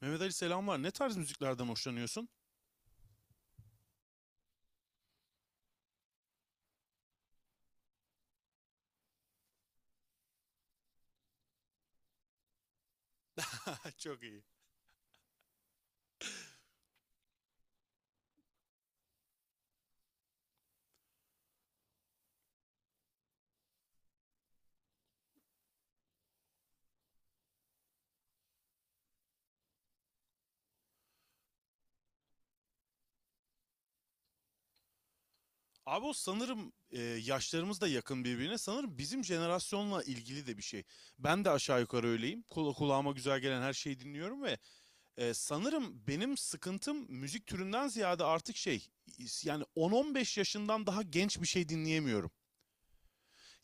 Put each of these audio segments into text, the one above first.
Mehmet Ali selam var. Ne tarz müziklerden hoşlanıyorsun? Çok iyi. Abi o sanırım yaşlarımız da yakın birbirine. Sanırım bizim jenerasyonla ilgili de bir şey. Ben de aşağı yukarı öyleyim. Kulağıma güzel gelen her şeyi dinliyorum ve sanırım benim sıkıntım müzik türünden ziyade artık şey, yani 10-15 yaşından daha genç bir şey dinleyemiyorum.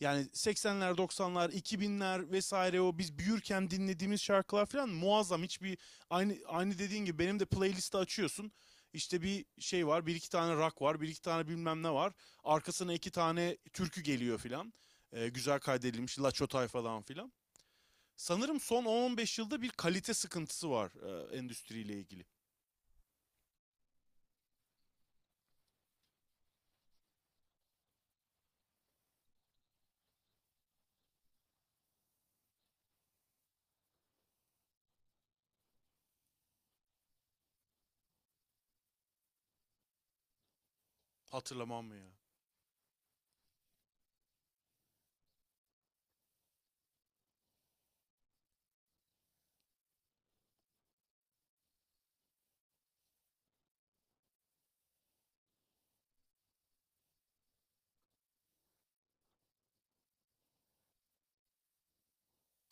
Yani 80'ler, 90'lar, 2000'ler vesaire, o biz büyürken dinlediğimiz şarkılar falan muazzam. Aynı aynı dediğin gibi, benim de playlisti açıyorsun. İşte bir şey var, bir iki tane rock var, bir iki tane bilmem ne var. Arkasına iki tane türkü geliyor filan. Güzel kaydedilmiş La Çotay falan filan. Sanırım son 10-15 yılda bir kalite sıkıntısı var, endüstriyle ilgili. Hatırlamam mı ya?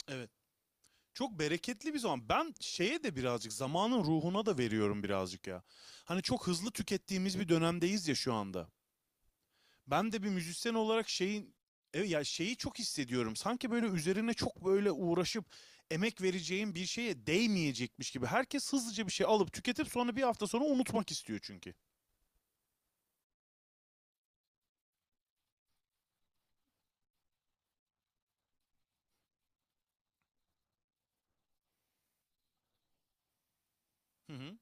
Evet. Çok bereketli bir zaman. Ben şeye de birazcık, zamanın ruhuna da veriyorum birazcık ya. Hani çok hızlı tükettiğimiz bir dönemdeyiz ya şu anda. Ben de bir müzisyen olarak evet ya, şeyi çok hissediyorum. Sanki böyle üzerine çok böyle uğraşıp emek vereceğim bir şeye değmeyecekmiş gibi. Herkes hızlıca bir şey alıp tüketip sonra bir hafta sonra unutmak istiyor çünkü. Hı hı.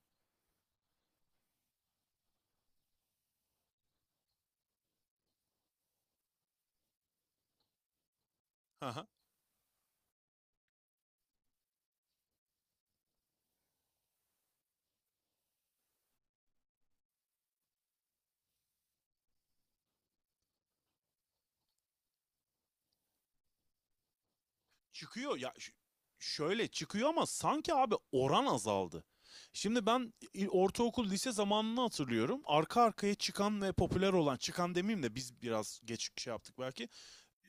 Çıkıyor ya, şöyle çıkıyor ama sanki abi oran azaldı. Şimdi ben, ortaokul lise zamanını hatırlıyorum. Arka arkaya çıkan ve popüler olan, çıkan demeyeyim de biz biraz geç şey yaptık belki.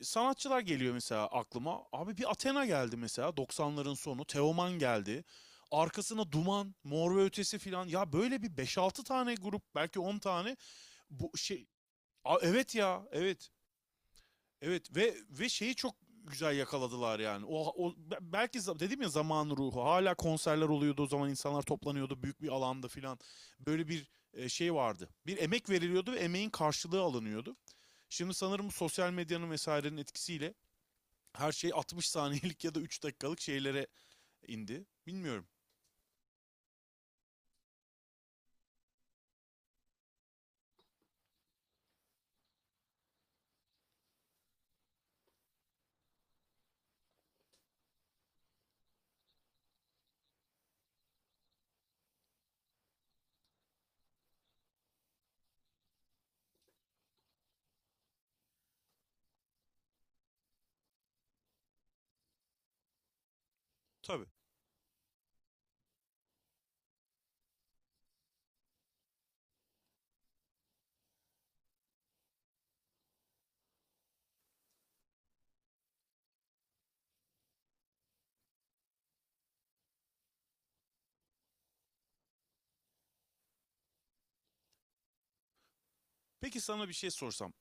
Sanatçılar geliyor mesela aklıma. Abi bir Athena geldi mesela, 90'ların sonu. Teoman geldi. Arkasına Duman, Mor ve Ötesi filan. Ya böyle bir beş altı tane grup, belki 10 tane bu şey. Aa, evet ya, evet. Evet, ve şeyi çok güzel yakaladılar yani. O belki, dedim ya, zaman ruhu. Hala konserler oluyordu o zaman, insanlar toplanıyordu büyük bir alanda filan. Böyle bir şey vardı. Bir emek veriliyordu ve emeğin karşılığı alınıyordu. Şimdi sanırım sosyal medyanın vesairenin etkisiyle her şey 60 saniyelik ya da 3 dakikalık şeylere indi. Bilmiyorum. Tabii. Peki sana bir şey sorsam.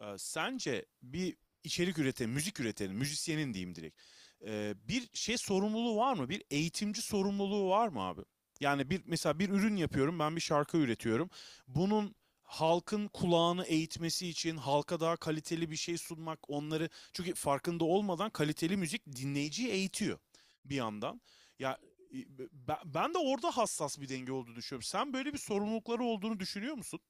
Sence bir içerik üreten, müzik üretenin, müzisyenin diyeyim direkt. Bir şey sorumluluğu var mı? Bir eğitimci sorumluluğu var mı abi? Yani bir, mesela bir ürün yapıyorum, ben bir şarkı üretiyorum. Bunun halkın kulağını eğitmesi için halka daha kaliteli bir şey sunmak, onları, çünkü farkında olmadan kaliteli müzik dinleyiciyi eğitiyor bir yandan. Ya e, ben de orada hassas bir denge olduğunu düşünüyorum. Sen böyle bir sorumlulukları olduğunu düşünüyor musun?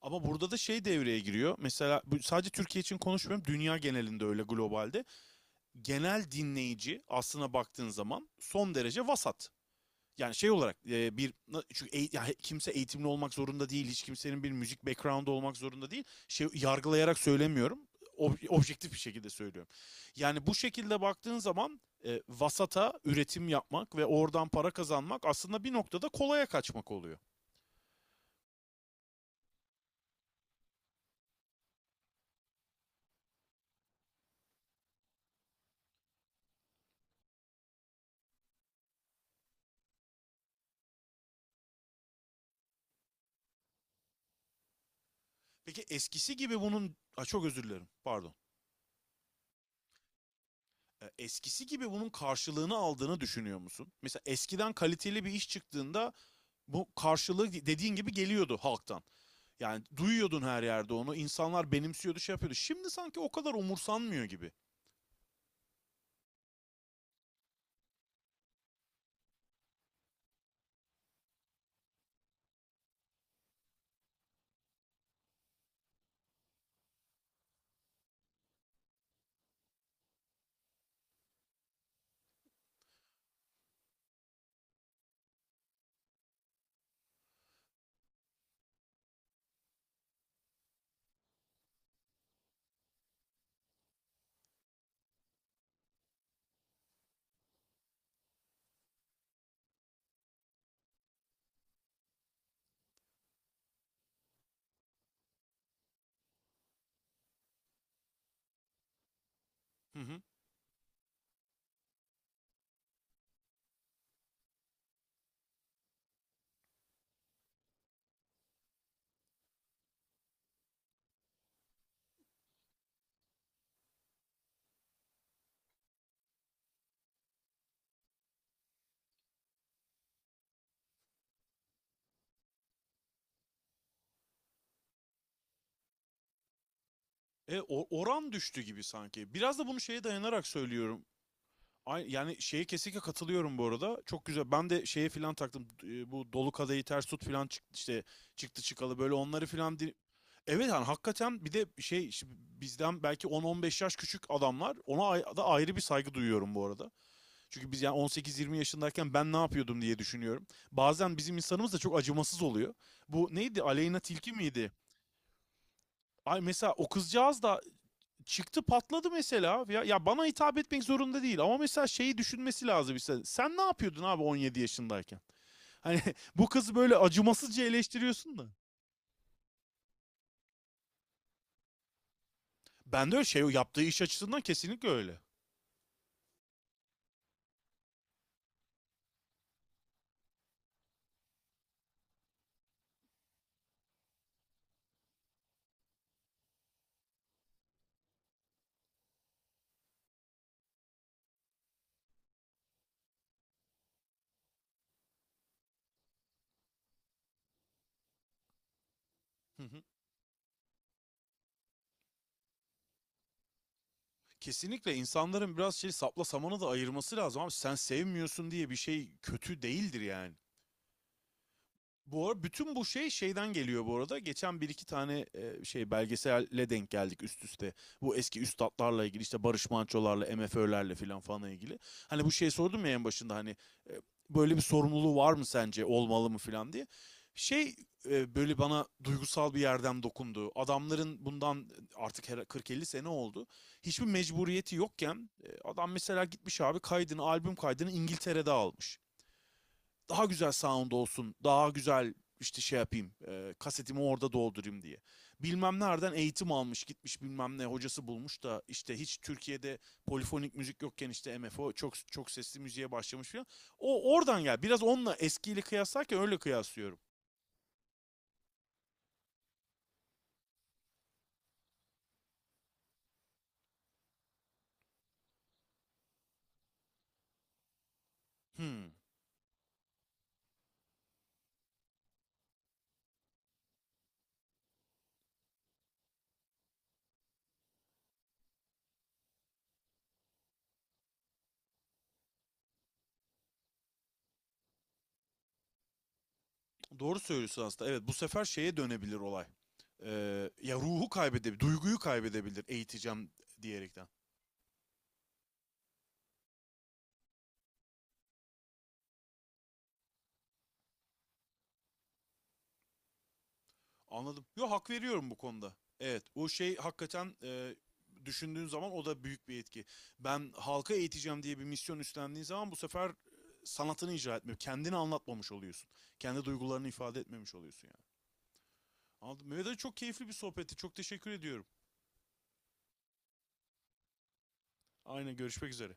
Ama burada da şey devreye giriyor. Mesela sadece Türkiye için konuşmuyorum. Dünya genelinde, öyle globalde. Genel dinleyici, aslına baktığın zaman son derece vasat. Yani şey olarak bir, ya kimse eğitimli olmak zorunda değil. Hiç kimsenin bir müzik background'u olmak zorunda değil. Şey, yargılayarak söylemiyorum. Objektif bir şekilde söylüyorum. Yani bu şekilde baktığın zaman vasata üretim yapmak ve oradan para kazanmak aslında bir noktada kolaya kaçmak oluyor. Peki eskisi gibi bunun, Ay, çok özür dilerim, pardon. Eskisi gibi bunun karşılığını aldığını düşünüyor musun? Mesela eskiden kaliteli bir iş çıktığında bu karşılığı dediğin gibi geliyordu halktan. Yani duyuyordun her yerde onu. İnsanlar benimsiyordu, şey yapıyordu. Şimdi sanki o kadar umursanmıyor gibi. Hı hı. E oran düştü gibi sanki. Biraz da bunu şeye dayanarak söylüyorum. Yani şeye kesinlikle katılıyorum bu arada. Çok güzel. Ben de şeye filan taktım. Bu dolu kadayı ters tut filan çıktı işte, çıktı çıkalı böyle onları filan Evet, hani hakikaten bir de şey, işte bizden belki 10-15 yaş küçük adamlar, ona da ayrı bir saygı duyuyorum bu arada. Çünkü biz yani 18-20 yaşındayken ben ne yapıyordum diye düşünüyorum. Bazen bizim insanımız da çok acımasız oluyor. Bu neydi? Aleyna Tilki miydi? Ay mesela o kızcağız da çıktı, patladı mesela. Ya, ya bana hitap etmek zorunda değil ama mesela şeyi düşünmesi lazım işte. Sen ne yapıyordun abi 17 yaşındayken? Hani bu kızı böyle acımasızca eleştiriyorsun da. Ben de öyle, şey, yaptığı iş açısından kesinlikle öyle. Hı hı. Kesinlikle insanların biraz şey, sapla samanı da ayırması lazım abi. Sen sevmiyorsun diye bir şey kötü değildir yani. Bu arada bütün bu şey şeyden geliyor bu arada. Geçen bir iki tane şey, belgeselle denk geldik üst üste. Bu eski üstatlarla ilgili, işte Barış Manço'larla, MFÖ'lerle filan falan falan ilgili. Hani bu şey sordum ya en başında, hani e, böyle bir sorumluluğu var mı, sence olmalı mı filan diye. Şey, böyle bana duygusal bir yerden dokundu. Adamların bundan, artık 40-50 sene oldu. Hiçbir mecburiyeti yokken adam mesela gitmiş abi kaydını, albüm kaydını İngiltere'de almış, daha güzel sound olsun, daha güzel işte şey yapayım, kasetimi orada doldurayım diye. Bilmem nereden eğitim almış, gitmiş bilmem ne hocası bulmuş da işte hiç Türkiye'de polifonik müzik yokken işte MFO çok çok sesli müziğe başlamış falan. O oradan gel. Biraz onunla, eskiyle kıyaslarken öyle kıyaslıyorum. Hmm, doğru söylüyorsun aslında. Evet, bu sefer şeye dönebilir olay. Ya ruhu kaybedebilir, duyguyu kaybedebilir, eğiteceğim diyerekten. Anladım. Yo, hak veriyorum bu konuda. Evet, o şey hakikaten, düşündüğün zaman o da büyük bir etki. Ben halka eğiteceğim diye bir misyon üstlendiğin zaman bu sefer sanatını icra etmiyor. Kendini anlatmamış oluyorsun. Kendi duygularını ifade etmemiş oluyorsun yani. Anladım. Mehmet Ali, çok keyifli bir sohbetti. Çok teşekkür ediyorum. Aynen, görüşmek üzere.